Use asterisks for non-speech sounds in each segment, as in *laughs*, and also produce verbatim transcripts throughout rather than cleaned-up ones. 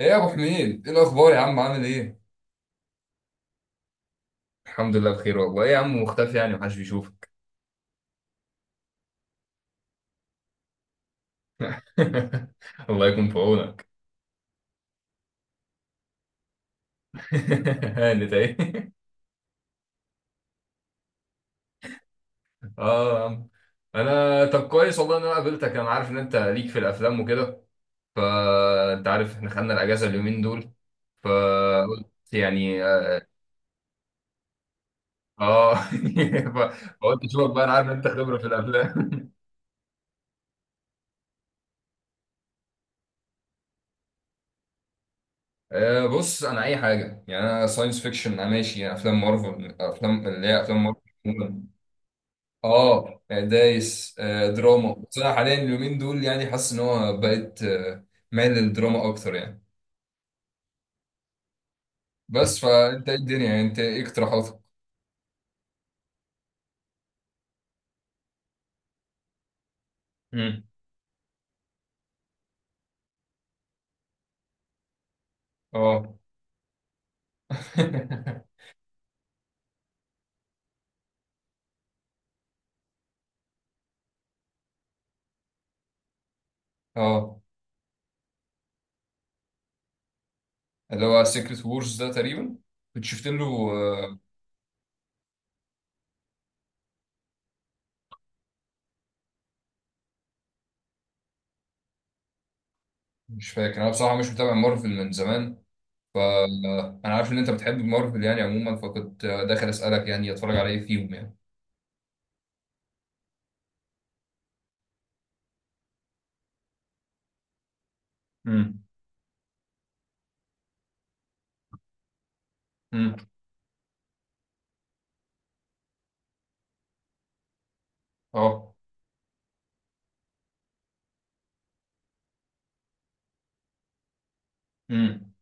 ايه يا ابو حميد؟ ايه الاخبار يا عم؟ عامل ايه؟ الحمد لله بخير والله. ايه يا عم مختفي، يعني محدش بيشوفك. *laughs* الله يكون في عونك. *laughs* هانت اهي. اه يا عم. انا طب كويس والله ان انا قابلتك، انا عارف ان انت ليك في الافلام وكده. فانت عارف احنا خدنا الاجازه اليومين دول، فقلت يعني. اه *laughs* فقلت اشوفك بقى، انا عارف ان انت خبره في الافلام. *laughs* آه، بص انا اي حاجه، يعني انا ساينس فيكشن انا ماشي، يعني افلام مارفل، افلام اللي هي افلام مارفل. اه دايس، آه، دراما. بس انا حاليا اليومين دول يعني حاسس ان هو بقيت آه، مايل للدراما اكتر يعني. بس فانت ايه الدنيا يعني، انت ايه اقتراحاتك؟ امم اه *laughs* اه. اللي هو سيكريت وورز ده تقريبا، كنت شفت له آه، مش فاكر. انا بصراحه مش متابع مارفل من زمان. آه، انا عارف ان انت بتحب مارفل يعني عموما، فكنت آه، داخل اسالك يعني اتفرج على ايه فيهم يعني. امم امم اه امم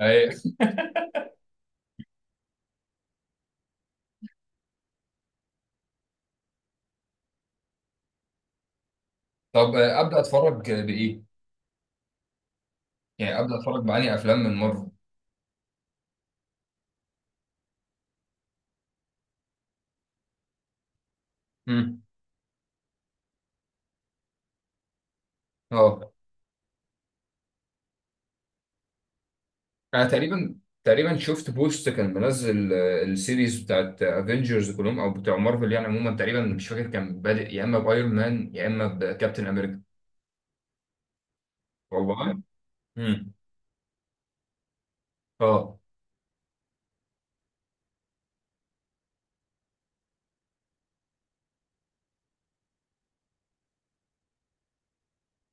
اي. طب آه، ابدا اتفرج بايه؟ يعني ابدا اتفرج على افلام من مارفل. امم اه. انا تقريبا تقريبا شفت بوست كان منزل آه، السيريز بتاعت افنجرز كلهم، او بتاع مارفل يعني عموما. تقريبا مش فاكر كان بادئ يا اما بايرون مان يا اما بكابتن امريكا. والله. امم اه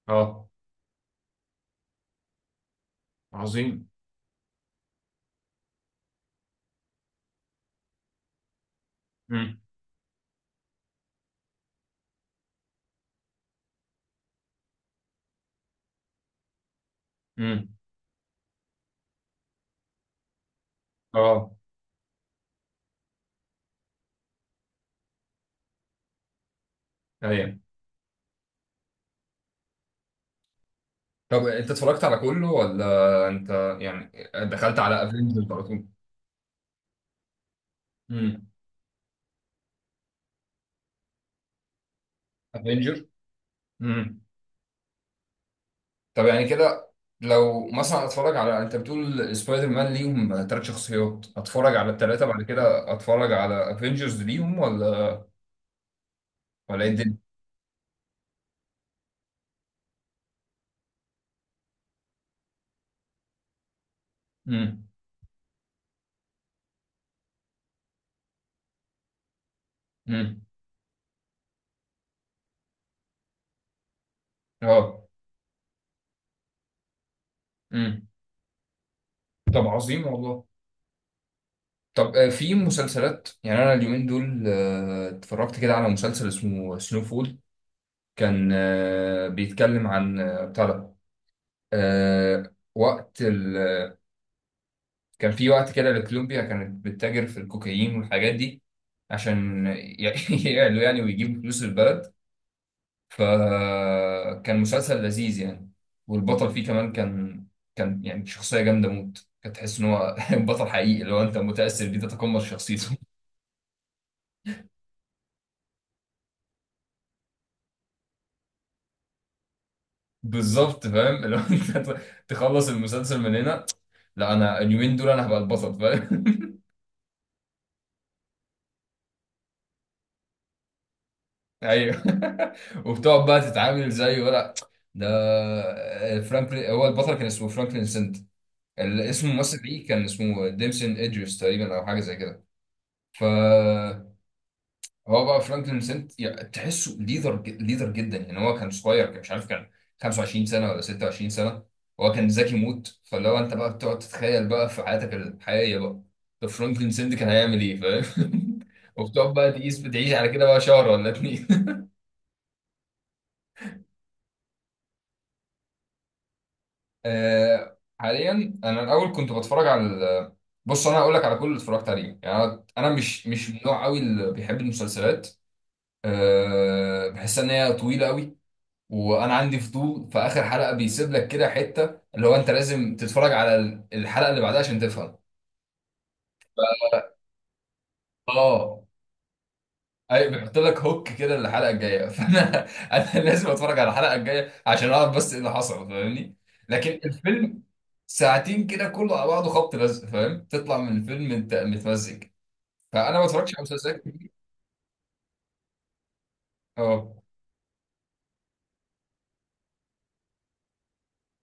اه. عظيم. امم امم اه ايوه. طب انت اتفرجت على كله ولا انت يعني دخلت على افنجرز على طول؟ امم افنجر. طب يعني كده، لو مثلا اتفرج على، انت بتقول سبايدر مان ليهم ثلاث شخصيات، اتفرج على الثلاثه، بعد كده اتفرج على افنجرز ليهم ولا ولا ايه الدنيا؟ امم امم اه امم طب عظيم والله. طب آه، في مسلسلات. يعني انا اليومين دول آه، اتفرجت كده على مسلسل اسمه سنو فول. كان آه، بيتكلم عن آه، بتاع ده، آه، وقت، كان في وقت كده لكولومبيا كانت بتتاجر في الكوكايين والحاجات دي، عشان ي- *laughs* يعلوا يعني ويجيبوا فلوس البلد. فكان مسلسل لذيذ يعني. والبطل فيه كمان كان، كان يعني شخصية جامدة موت. كنت تحس ان هو *laughs* بطل حقيقي، اللي هو انت متأثر بيه تتقمص شخصيته. *laughs* بالظبط، فاهم اللي هو انت *laughs* ت- تخلص المسلسل من هنا. لا، انا اليومين دول انا هبقى البطل، فاهم؟ ايوه. *laughs* وبتقعد بقى تتعامل زيه ولا؟ ده فرانكلين هو البطل، كان اسمه فرانكلين سنت. ال- اسم الممثل ليه كان اسمه ديمسون ادريس تقريبا، او حاجه زي كده. ف هو بقى فرانكلين سنت، يعني تحسه ليدر ليدر جدا يعني. هو كان صغير، كان مش عارف، كان خمس وعشرين سنه ولا ستة وعشرين سنه. هو كان ذكي موت. فلو انت بقى بتقعد تتخيل بقى في حياتك الحقيقيه بقى، طب فرانكلين سنت كان هيعمل ايه؟ فاهم؟ *laughs* وبتقعد بقى تقيس، بتعيش على كده بقى شهر ولا اتنين. آه حاليا. انا الاول كنت بتفرج على ال- بص انا هقول لك على كل اللي اتفرجت عليه يعني. انا أنا مش مش من النوع قوي اللي بيحب المسلسلات. آه، بحس ان هي طويله قوي. وانا عندي فضول، في اخر حلقه بيسيب لك كده حته اللي هو انت لازم تتفرج على الحلقه اللي بعدها عشان تفهم. اه. اي، بنحط لك هوك كده للحلقه الجايه. *laughs* فانا انا لازم اتفرج على الحلقه الجايه عشان اعرف بس ايه اللي حصل، فاهمني؟ لكن الفيلم ساعتين كده كله على بعضه، خبط لزق، فاهم؟ تطلع من الفيلم انت متمزج. فانا ما بتفرجش على مسلسلات كتير. اه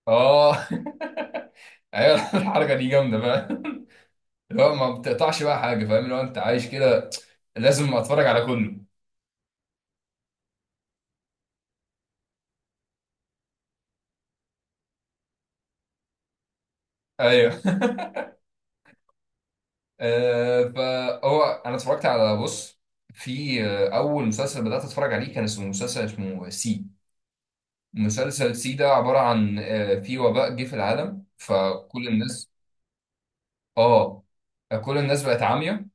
اه. *laughs* ايوه الحركه دي جامده بقى، اللي هو ما بتقطعش بقى حاجه، فاهم؟ اللي هو انت عايش كده، لازم اتفرج على كله. ايوه. آه، فهو انا اتفرجت على، بص، في آه، اول مسلسل بدات اتفرج عليه كان اسمه مسلسل اسمه سي. مسلسل سي ده عباره عن آه، في وباء جه في العالم، فكل الناس، اه، كل الناس بقت عاميه.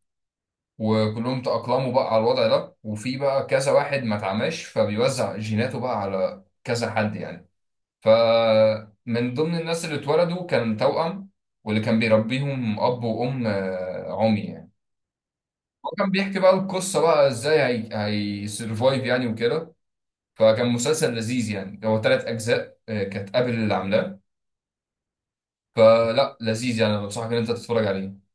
وكلهم تأقلموا بقى على الوضع ده، وفي بقى كذا واحد ما اتعماش، فبيوزع جيناته بقى على كذا حد يعني. فمن ضمن الناس اللي اتولدوا كان توأم، واللي كان بيربيهم اب وام، آه، عمي يعني. هو كان بيحكي بقى القصة بقى ازاي هي هيسرفايف يعني وكده. فكان مسلسل لذيذ يعني. هو ثلاث أجزاء آه، كانت قابل اللي عاملاه. فلا، لذيذ يعني، أنا بنصحك إن أنت تتفرج عليه.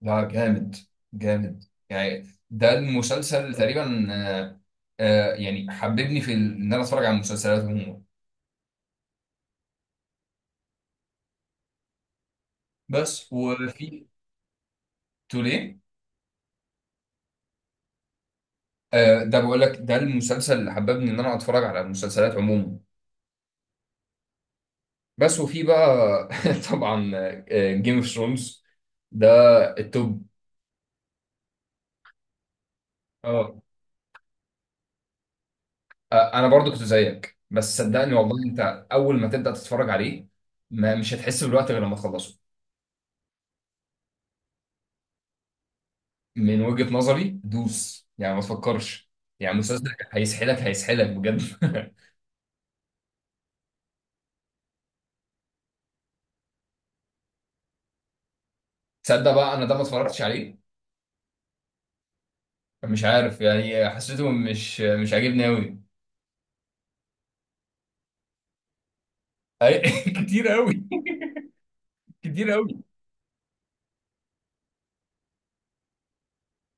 لا، جامد جامد يعني. ده المسلسل تقريبا آه، آه، يعني حببني في ال- إن أنا أتفرج على المسلسلات عموما. بس وفي توليه. آه، ده بقول لك، ده المسلسل اللي حببني إن أنا أتفرج على المسلسلات عموما. بس وفي بقى *laughs* طبعا جيم اوف ثرونز، ده التوب. اه. آه، انا برضو كنت زيك، بس صدقني والله انت اول ما تبدا تتفرج عليه ما مش هتحس بالوقت غير لما تخلصه. من وجهة نظري دوس يعني، ما تفكرش. يعني مسلسل هيسحلك هيسحلك بجد. *laughs* تصدق بقى انا ده ما اتفرجتش عليه. مش عارف يعني، حسيته مش مش عاجبني قوي. *laughs* كتير قوي. كتير قوي.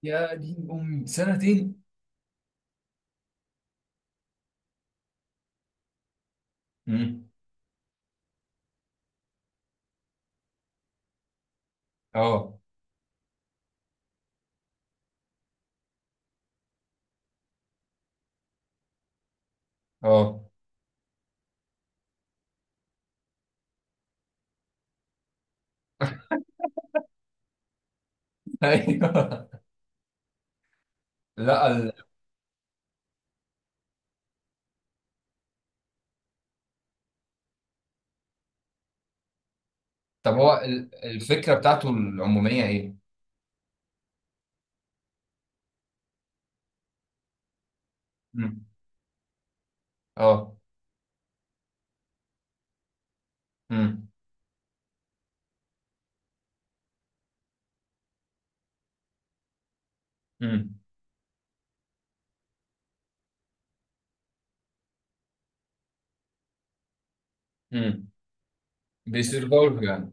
يا دين امي سنتين. مم. اه اه ايوه. لا ال... طب هو ال- الفكره بتاعته العموميه ايه؟ مم. اه. امم امم امم بيسيرفايف يعني.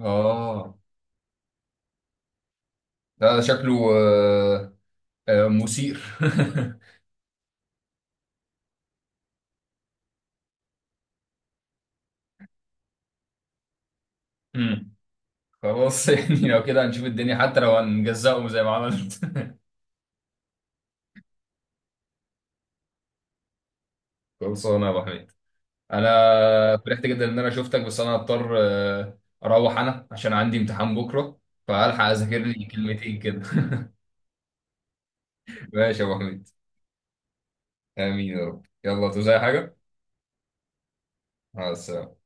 اه لا، ده شكله آه، آه، مثير. *laughs* مم. خلاص. *laughs* يعني لو كده هنشوف الدنيا، حتى لو هنجزقهم زي ما عملت. *laughs* خلصانه يا ابو حميد. انا فرحت جدا ان انا شفتك، بس انا هضطر آه، اروح انا عشان عندي امتحان بكره، فالحق اذاكر لي كلمتين كده. *laughs* ماشي يا ابو حميد. امين يا رب. يلا، عاوز اي حاجه؟ مع السلامه.